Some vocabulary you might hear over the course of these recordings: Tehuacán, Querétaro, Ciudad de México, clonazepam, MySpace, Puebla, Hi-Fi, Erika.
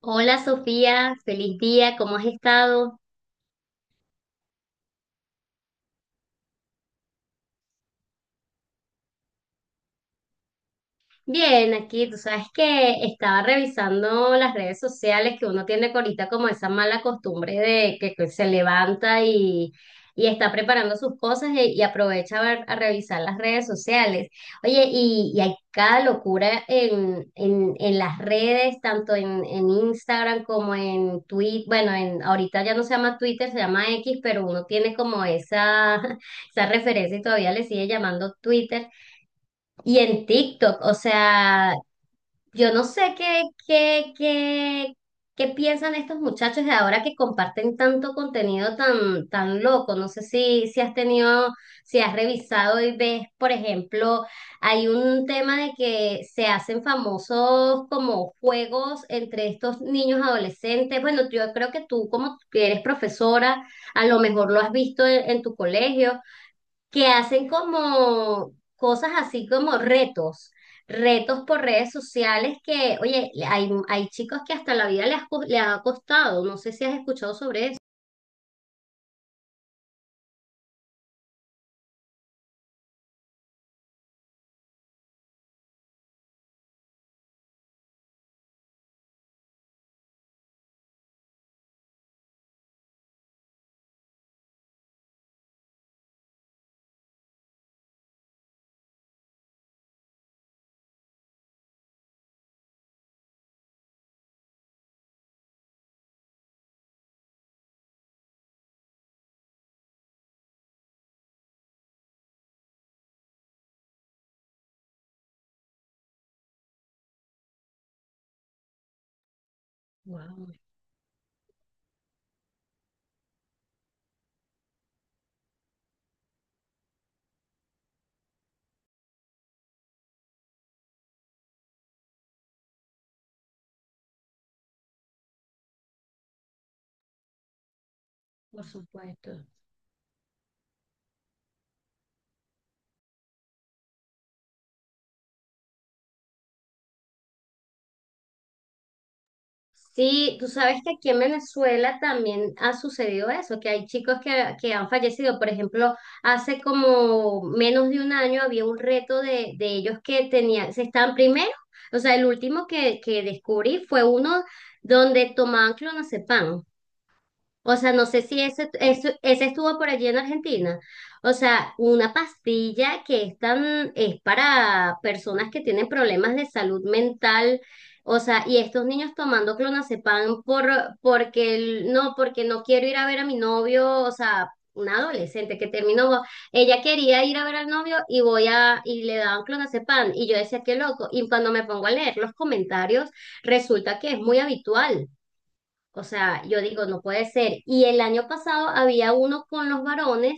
Hola Sofía, feliz día, ¿cómo has estado? Bien, aquí tú sabes que estaba revisando las redes sociales que uno tiene ahorita como esa mala costumbre de que se levanta y está preparando sus cosas y aprovecha a revisar las redes sociales. Oye, y hay cada locura en las redes, tanto en Instagram como en Twitter. Bueno, en, ahorita ya no se llama Twitter, se llama X, pero uno tiene como esa, esa referencia y todavía le sigue llamando Twitter. Y en TikTok, o sea, yo no sé qué piensan estos muchachos de ahora que comparten tanto contenido tan loco. No sé si has tenido, si has revisado y ves, por ejemplo, hay un tema de que se hacen famosos como juegos entre estos niños adolescentes. Bueno, yo creo que tú, como que eres profesora, a lo mejor lo has visto en tu colegio que hacen como cosas así como retos por redes sociales que, oye, hay chicos que hasta la vida les ha costado, no sé si has escuchado sobre eso. Wow, por supuesto. Sí, tú sabes que aquí en Venezuela también ha sucedido eso, que hay chicos que han fallecido. Por ejemplo, hace como menos de un año había un reto de ellos que tenían, se estaban primero, o sea, el último que descubrí fue uno donde tomaban clonazepam. O sea, no sé si ese estuvo por allí en Argentina. O sea, una pastilla que es tan, es para personas que tienen problemas de salud mental. O sea, y estos niños tomando clonazepam por, porque el- no, porque no quiero ir a ver a mi novio. O sea, una adolescente que terminó, ella quería ir a ver al novio y voy a, y le daban clonazepam. Y yo decía, qué loco. Y cuando me pongo a leer los comentarios, resulta que es muy habitual. O sea, yo digo, no puede ser. Y el año pasado había uno con los varones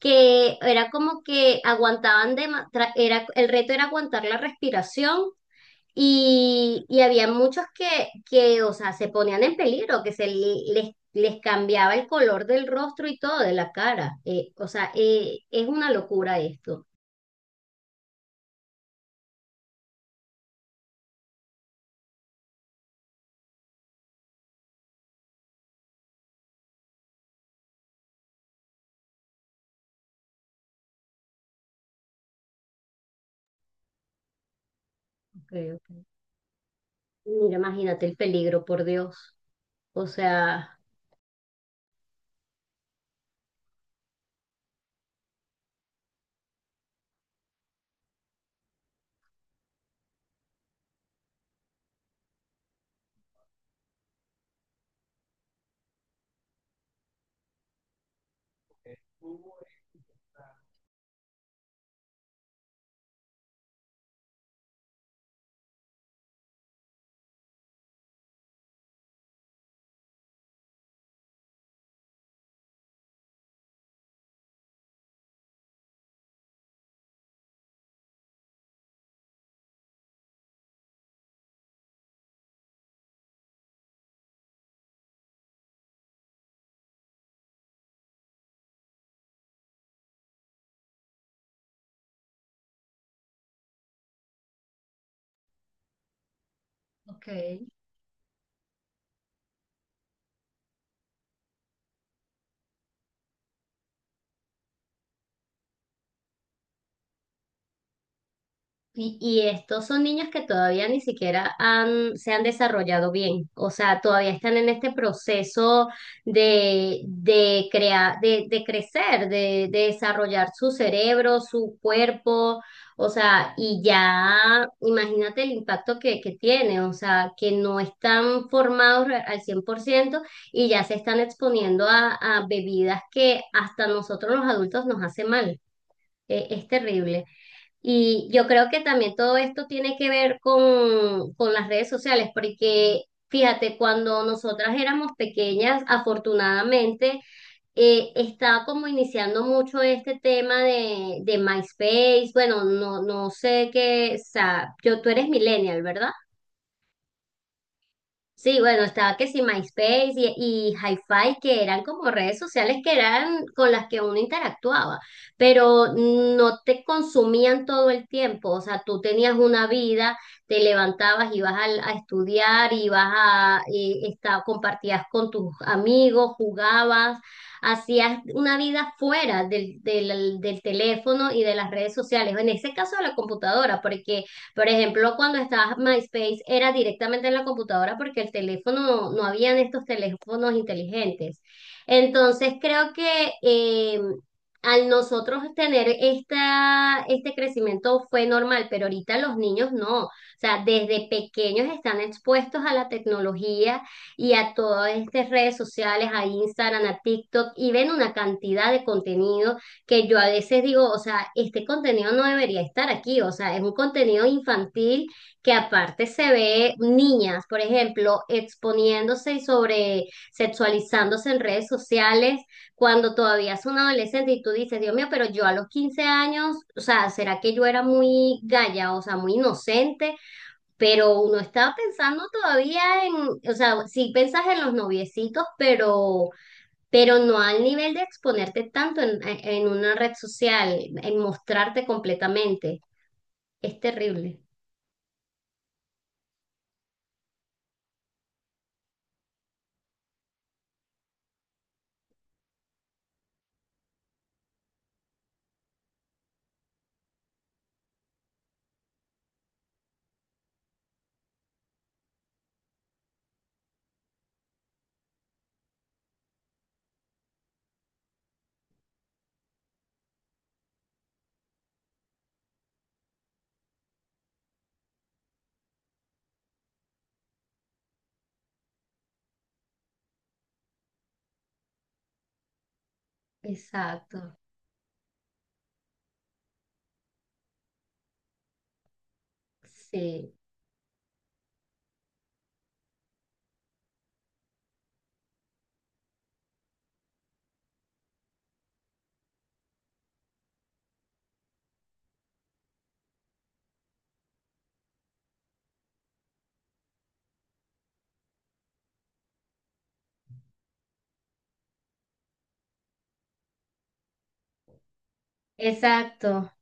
que era como que aguantaban de, ma- tra- era, el reto era aguantar la respiración y había muchos o sea, se ponían en peligro, que les cambiaba el color del rostro y todo, de la cara. O sea, es una locura esto. Okay, okay. Mira, imagínate el peligro, por Dios. O sea, Ok. Y estos son niños que todavía ni siquiera han, se han desarrollado bien, o sea, todavía están en este proceso de crear, de crecer, de desarrollar su cerebro, su cuerpo, o sea, y ya imagínate el impacto que tiene, o sea, que no están formados re- al 100% y ya se están exponiendo a bebidas que hasta nosotros los adultos nos hace mal. Es terrible. Y yo creo que también todo esto tiene que ver con las redes sociales, porque fíjate, cuando nosotras éramos pequeñas, afortunadamente, estaba como iniciando mucho este tema de MySpace. Bueno, no sé qué, o sea, yo, tú eres millennial, ¿verdad? Sí, bueno, estaba que sí, MySpace y Hi-Fi, que eran como redes sociales que eran con las que uno interactuaba, pero no te consumían todo el tiempo, o sea, tú tenías una vida, te levantabas, estudiar, ibas a, compartías con tus amigos, jugabas, hacías una vida fuera del teléfono y de las redes sociales, en ese caso de la computadora, porque por ejemplo, cuando estaba MySpace era directamente en la computadora porque el teléfono, no habían estos teléfonos inteligentes. Entonces creo que al nosotros tener esta, este crecimiento fue normal, pero ahorita los niños no. O sea, desde pequeños están expuestos a la tecnología y a todas estas redes sociales, a Instagram, a TikTok, y ven una cantidad de contenido que yo a veces digo, o sea, este contenido no debería estar aquí, o sea, es un contenido infantil que aparte se ve niñas, por ejemplo, exponiéndose y sobre sexualizándose en redes sociales cuando todavía es un adolescente y tú dices, Dios mío, pero yo a los 15 años, o sea, ¿será que yo era muy galla, o sea, muy inocente? Pero uno está pensando todavía en, o sea, sí pensas en los noviecitos, pero no al nivel de exponerte tanto en una red social, en mostrarte completamente. Es terrible. Exacto. Sí, exacto.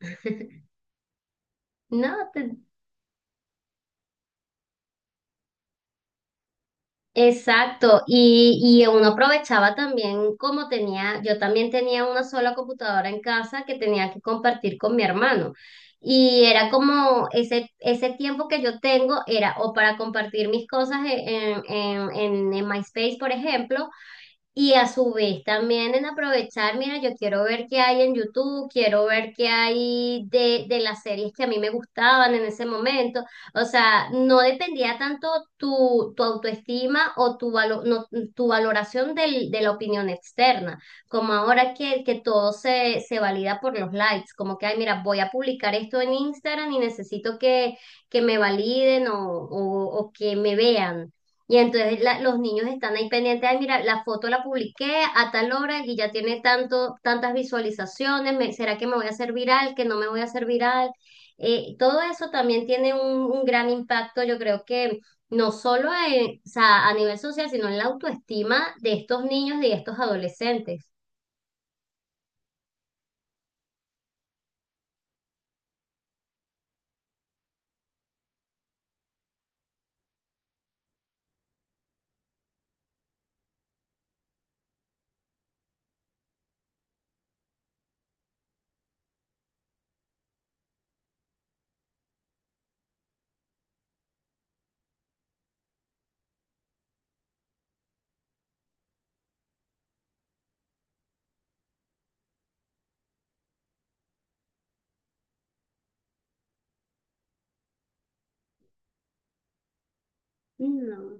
No, te- Exacto, y uno aprovechaba también como tenía, yo también tenía una sola computadora en casa que tenía que compartir con mi hermano. Y era como ese tiempo que yo tengo era o para compartir mis cosas en MySpace, por ejemplo, y a su vez también en aprovechar, mira, yo quiero ver qué hay en YouTube, quiero ver qué hay de las series que a mí me gustaban en ese momento. O sea, no dependía tanto tu, tu autoestima o tu, valo- no, tu valoración del- de la opinión externa, como ahora que todo se, se valida por los likes, como que, ay, mira, voy a publicar esto en Instagram y necesito que me validen o que me vean. Y entonces la- los niños están ahí pendientes, ay, mira, la foto la publiqué a tal hora y ya tiene tanto, tantas visualizaciones, me- ¿será que me voy a hacer viral, que no me voy a hacer viral? Todo eso también tiene un gran impacto, yo creo que no solo en- o sea, a nivel social, sino en la autoestima de estos niños y de estos adolescentes. No.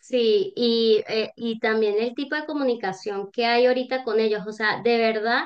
Sí, y también el tipo de comunicación que hay ahorita con ellos, o sea, de verdad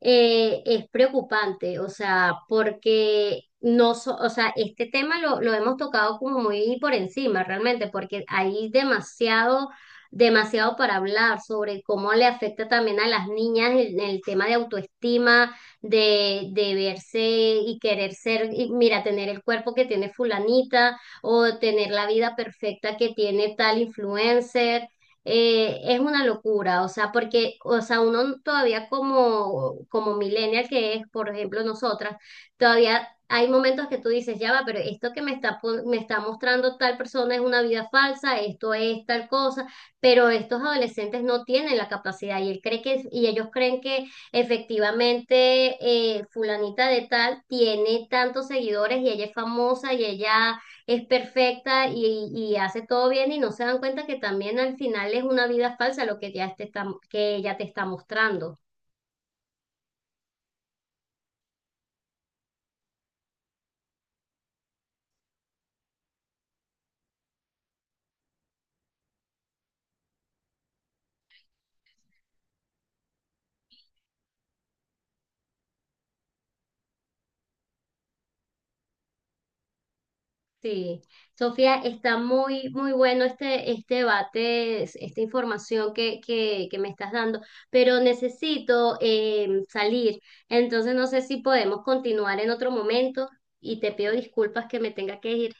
es preocupante, o sea, porque no, so- o sea, este tema lo hemos tocado como muy por encima realmente, porque hay demasiado, demasiado para hablar sobre cómo le afecta también a las niñas el tema de autoestima, de verse y querer ser, y mira, tener el cuerpo que tiene fulanita o tener la vida perfecta que tiene tal influencer. Es una locura, o sea, porque, o sea, uno todavía como, como millennial que es, por ejemplo, nosotras, todavía hay momentos que tú dices, ya va, pero esto que me está, pon- me está mostrando tal persona es una vida falsa, esto es tal cosa, pero estos adolescentes no tienen la capacidad y él cree que, y ellos creen que efectivamente fulanita de tal tiene tantos seguidores y ella es famosa y ella es perfecta y hace todo bien y no se dan cuenta que también al final es una vida falsa lo que ya te está, que ella te está mostrando. Sí, Sofía, está muy, muy bueno este debate, es- esta información que me estás dando, pero necesito salir, entonces no sé si podemos continuar en otro momento y te pido disculpas que me tenga que ir.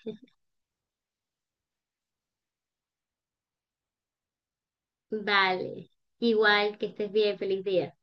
Vale, igual que estés bien, feliz día.